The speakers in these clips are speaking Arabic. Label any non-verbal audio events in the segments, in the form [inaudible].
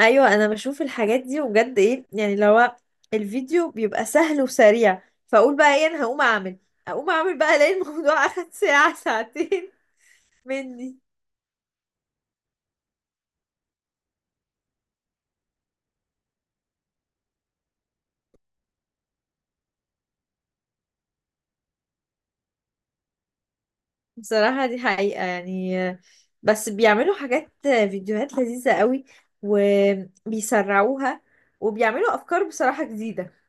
ايوه، انا بشوف الحاجات دي وبجد ايه؟ يعني لو الفيديو بيبقى سهل وسريع، فاقول بقى ايه، انا هقوم اعمل. اقوم اعمل بقى الاقي الموضوع [laughs] اخد ساعة ساعتين مني. بصراحة دي حقيقة، يعني بس بيعملوا حاجات، فيديوهات لذيذة قوي، وبيسرعوها، وبيعملوا افكار بصراحة جديدة.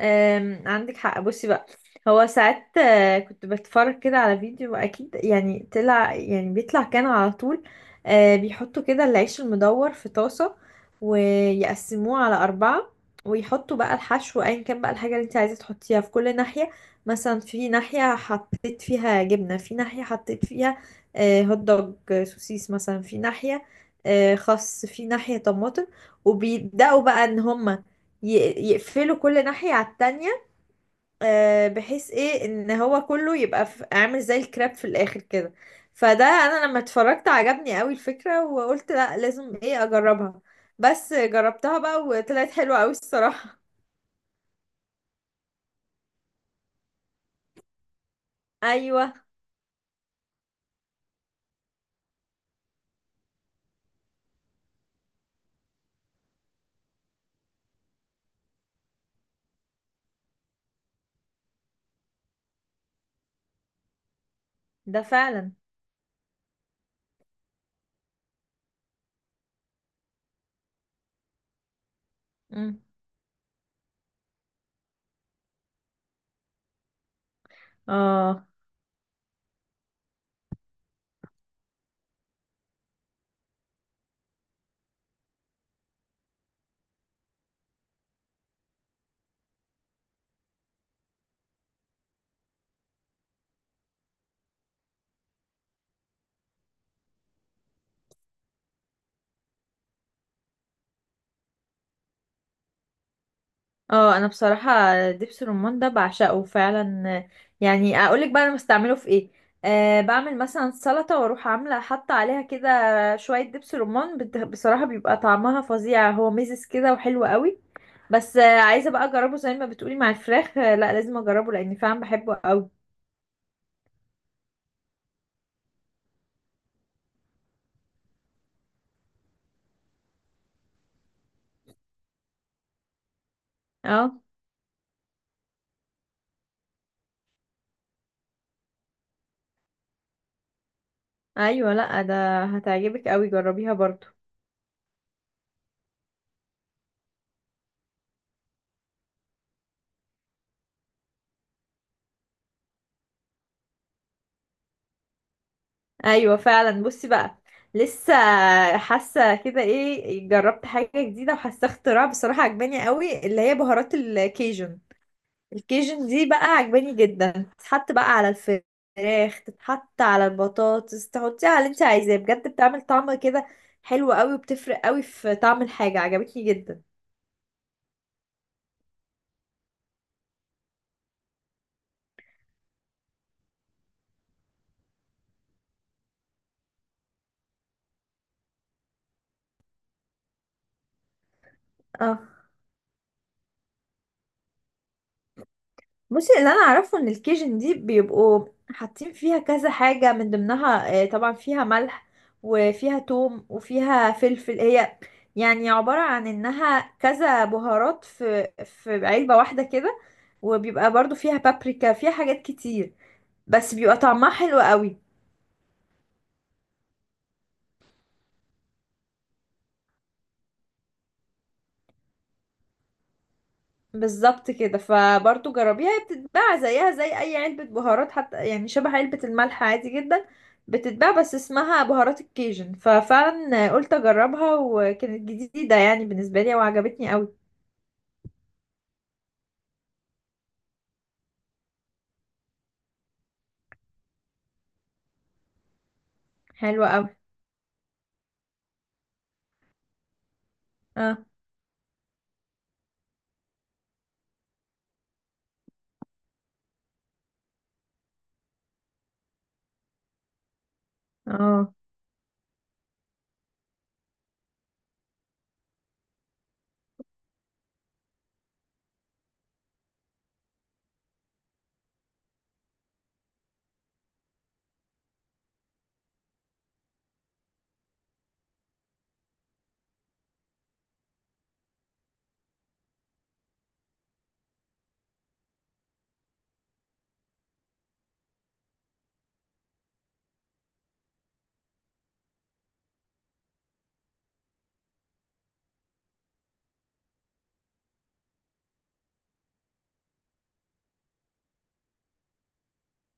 عندك حق. بصي بقى، هو ساعات كنت بتفرج كده على فيديو، اكيد يعني طلع يعني بيطلع كان على طول. بيحطوا كده العيش المدور في طاسة، ويقسموه على أربعة، ويحطوا بقى الحشو أيا كان، بقى الحاجة اللي انت عايزة تحطيها في كل ناحية. مثلا في ناحية حطيت فيها جبنة، في ناحية حطيت فيها هوت دوج، سوسيس مثلا في ناحية، خس في ناحية طماطم. وبيبدأوا بقى ان هما يقفلوا كل ناحية على التانية، بحيث ايه ان هو كله يبقى عامل زي الكراب في الاخر كده. فده انا لما اتفرجت عجبني قوي الفكرة، وقلت لا لازم ايه، اجربها. بس جربتها بقى وطلعت حلوة قوي الصراحة. [laughs] ايوه، ده فعلا. مم. اه. اه انا بصراحه دبس الرمان ده بعشقه فعلا. يعني اقولك بقى انا بستعمله في ايه. أه بعمل مثلا سلطه، واروح عامله حاطه عليها كده شويه دبس رمان، بصراحه بيبقى طعمها فظيع، هو ميزز كده وحلو قوي. بس عايزه بقى اجربه زي ما بتقولي مع الفراخ. [laughs] لا لازم اجربه، لان فعلا بحبه قوي. اه. ايوه، لا ده هتعجبك قوي، جربيها برضو. ايوه فعلا، بصي بقى، لسه حاسه كده ايه، جربت حاجه جديده وحاسه اختراع بصراحه عجباني قوي، اللي هي بهارات الكيجن. الكيجن دي بقى عجباني جدا، تتحط بقى على الفراخ، تتحط على البطاطس، تحطيها على اللي انت عايزاه، بجد بتعمل طعم كده حلو قوي، وبتفرق قوي في طعم الحاجه، عجبتني جدا. اه بصي، اللي انا اعرفه ان الكيجن دي بيبقوا حاطين فيها كذا حاجة، من ضمنها طبعا فيها ملح، وفيها توم، وفيها فلفل. هي يعني عبارة عن انها كذا بهارات في علبة واحدة كده. وبيبقى برضو فيها بابريكا، فيها حاجات كتير، بس بيبقى طعمها حلو قوي. بالظبط كده، فبرضو جربيها، هي بتتباع زيها زي اي علبة بهارات، حتى يعني شبه علبة الملح عادي جدا. بتتباع بس اسمها بهارات الكيجن. ففعلا قلت اجربها، وكانت جديدة يعني بالنسبة لي وعجبتني قوي. حلوة قوي. اه. اه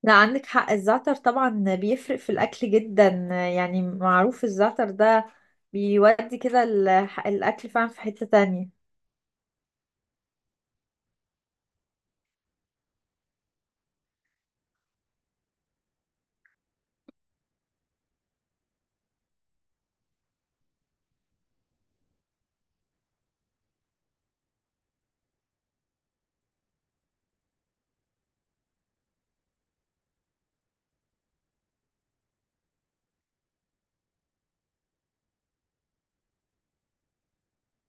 لا عندك حق، الزعتر طبعا بيفرق في الاكل جدا. يعني معروف الزعتر ده، بيودي كده الاكل فعلا في حتة تانية.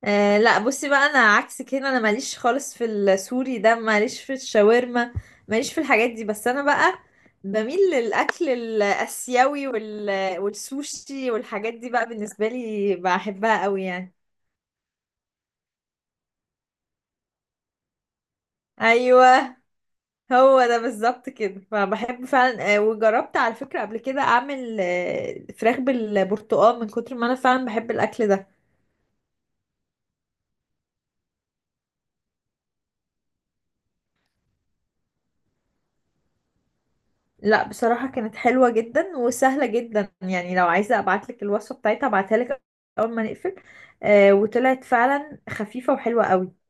أه لا بصي بقى، انا عكسك هنا، انا ماليش خالص في السوري ده، ماليش في الشاورما، ماليش في الحاجات دي. بس انا بقى بميل للاكل الاسيوي والسوشي والحاجات دي بقى بالنسبه لي بحبها قوي يعني. ايوه هو ده بالظبط كده. فبحب فعلا. أه وجربت على فكره قبل كده اعمل أه فراخ بالبرتقال، من كتر ما انا فعلا بحب الاكل ده. لا بصراحة كانت حلوة جدا وسهلة جدا، يعني لو عايزة ابعتلك الوصفة بتاعتها ابعتها لك اول ما نقفل. آه وطلعت فعلا خفيفة وحلوة قوي.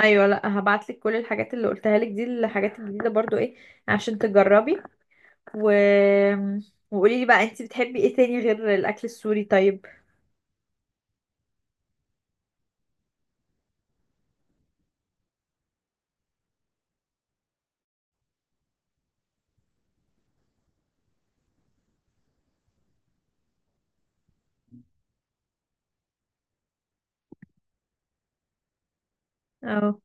ايوه، لا هبعتلك كل الحاجات اللي قلتها لك دي، الحاجات الجديدة برضو ايه، عشان تجربي. و... وقولي لي بقى، انت بتحبي ايه تاني غير الاكل السوري؟ طيب. اه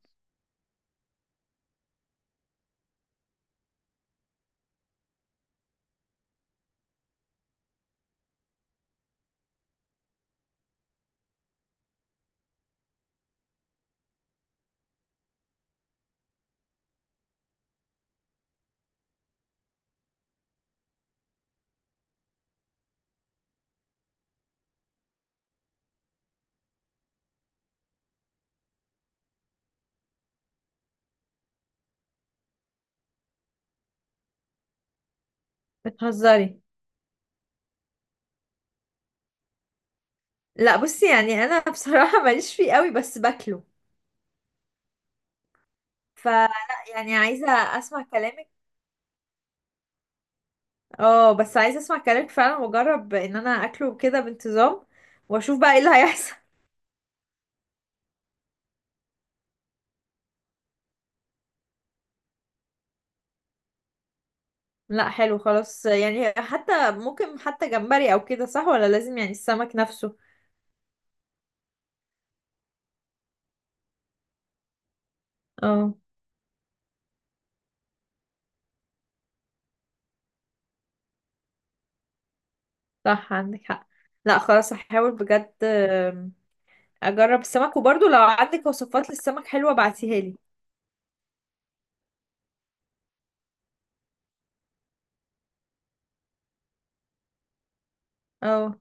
بتهزري؟ لا بصي يعني انا [laughs] بصراحة ماليش فيه قوي، بس باكله. فلا يعني عايزة اسمع كلامك. اه بس عايزه اسمع كلامك فعلا، واجرب ان انا اكله كده بانتظام، واشوف بقى ايه اللي هيحصل. [laughs] لا حلو خلاص، يعني حتى ممكن حتى جمبري او كده، صح ولا لازم يعني السمك نفسه؟ اه صح، عندك حق. لا خلاص هحاول بجد. اجرب السمك، وبرضه لو عندك وصفات للسمك حلوه بعتيها لي. اه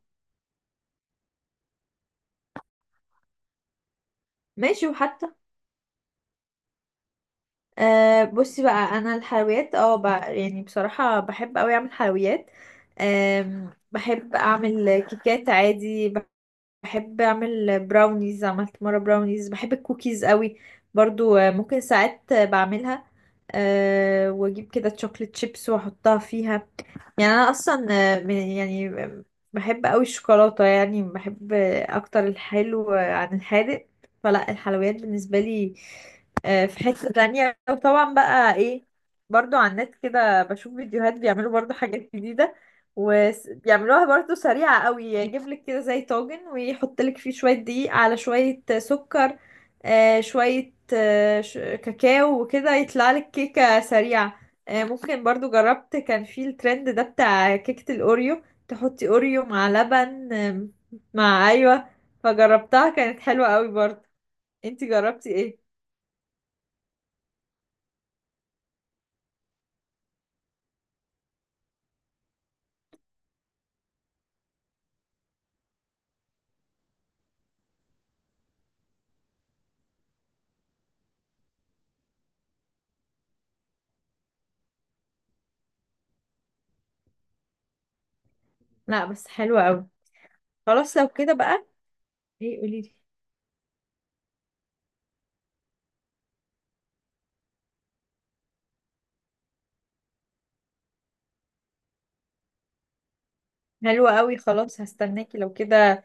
ماشي. وحتى أه بصي بقى، انا الحلويات اه يعني بصراحه بحب قوي اعمل حلويات. بحب اعمل كيكات عادي، بحب اعمل براونيز، عملت مره براونيز، بحب الكوكيز قوي برضو. ممكن ساعات بعملها. أه واجيب كده تشوكلت شيبس واحطها فيها. يعني انا اصلا يعني بحب قوي الشوكولاته، يعني بحب اكتر الحلو عن الحادق. فلا الحلويات بالنسبه لي في حته تانية. وطبعا بقى ايه، برضو على النت كده بشوف فيديوهات بيعملوا برضو حاجات جديده، وبيعملوها برضو سريعه قوي. يجيب لك كده زي طاجن ويحط لك فيه شويه دقيق على شويه سكر، شويه كاكاو وكده يطلع لك كيكه سريعه. ممكن برضو جربت، كان في الترند ده بتاع كيكة الأوريو، تحطي أوريو مع لبن. مع أيوة. فجربتها كانت حلوة قوي برضو. انتي جربتي ايه؟ لا بس حلوة قوي، خلاص لو كده بقى. ايه قوليلي. حلوة قوي، خلاص هستناكي لو كده،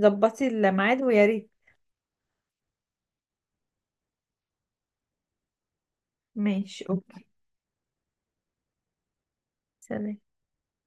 ظبطي الميعاد ويا ريت. ماشي اوكي. سلام.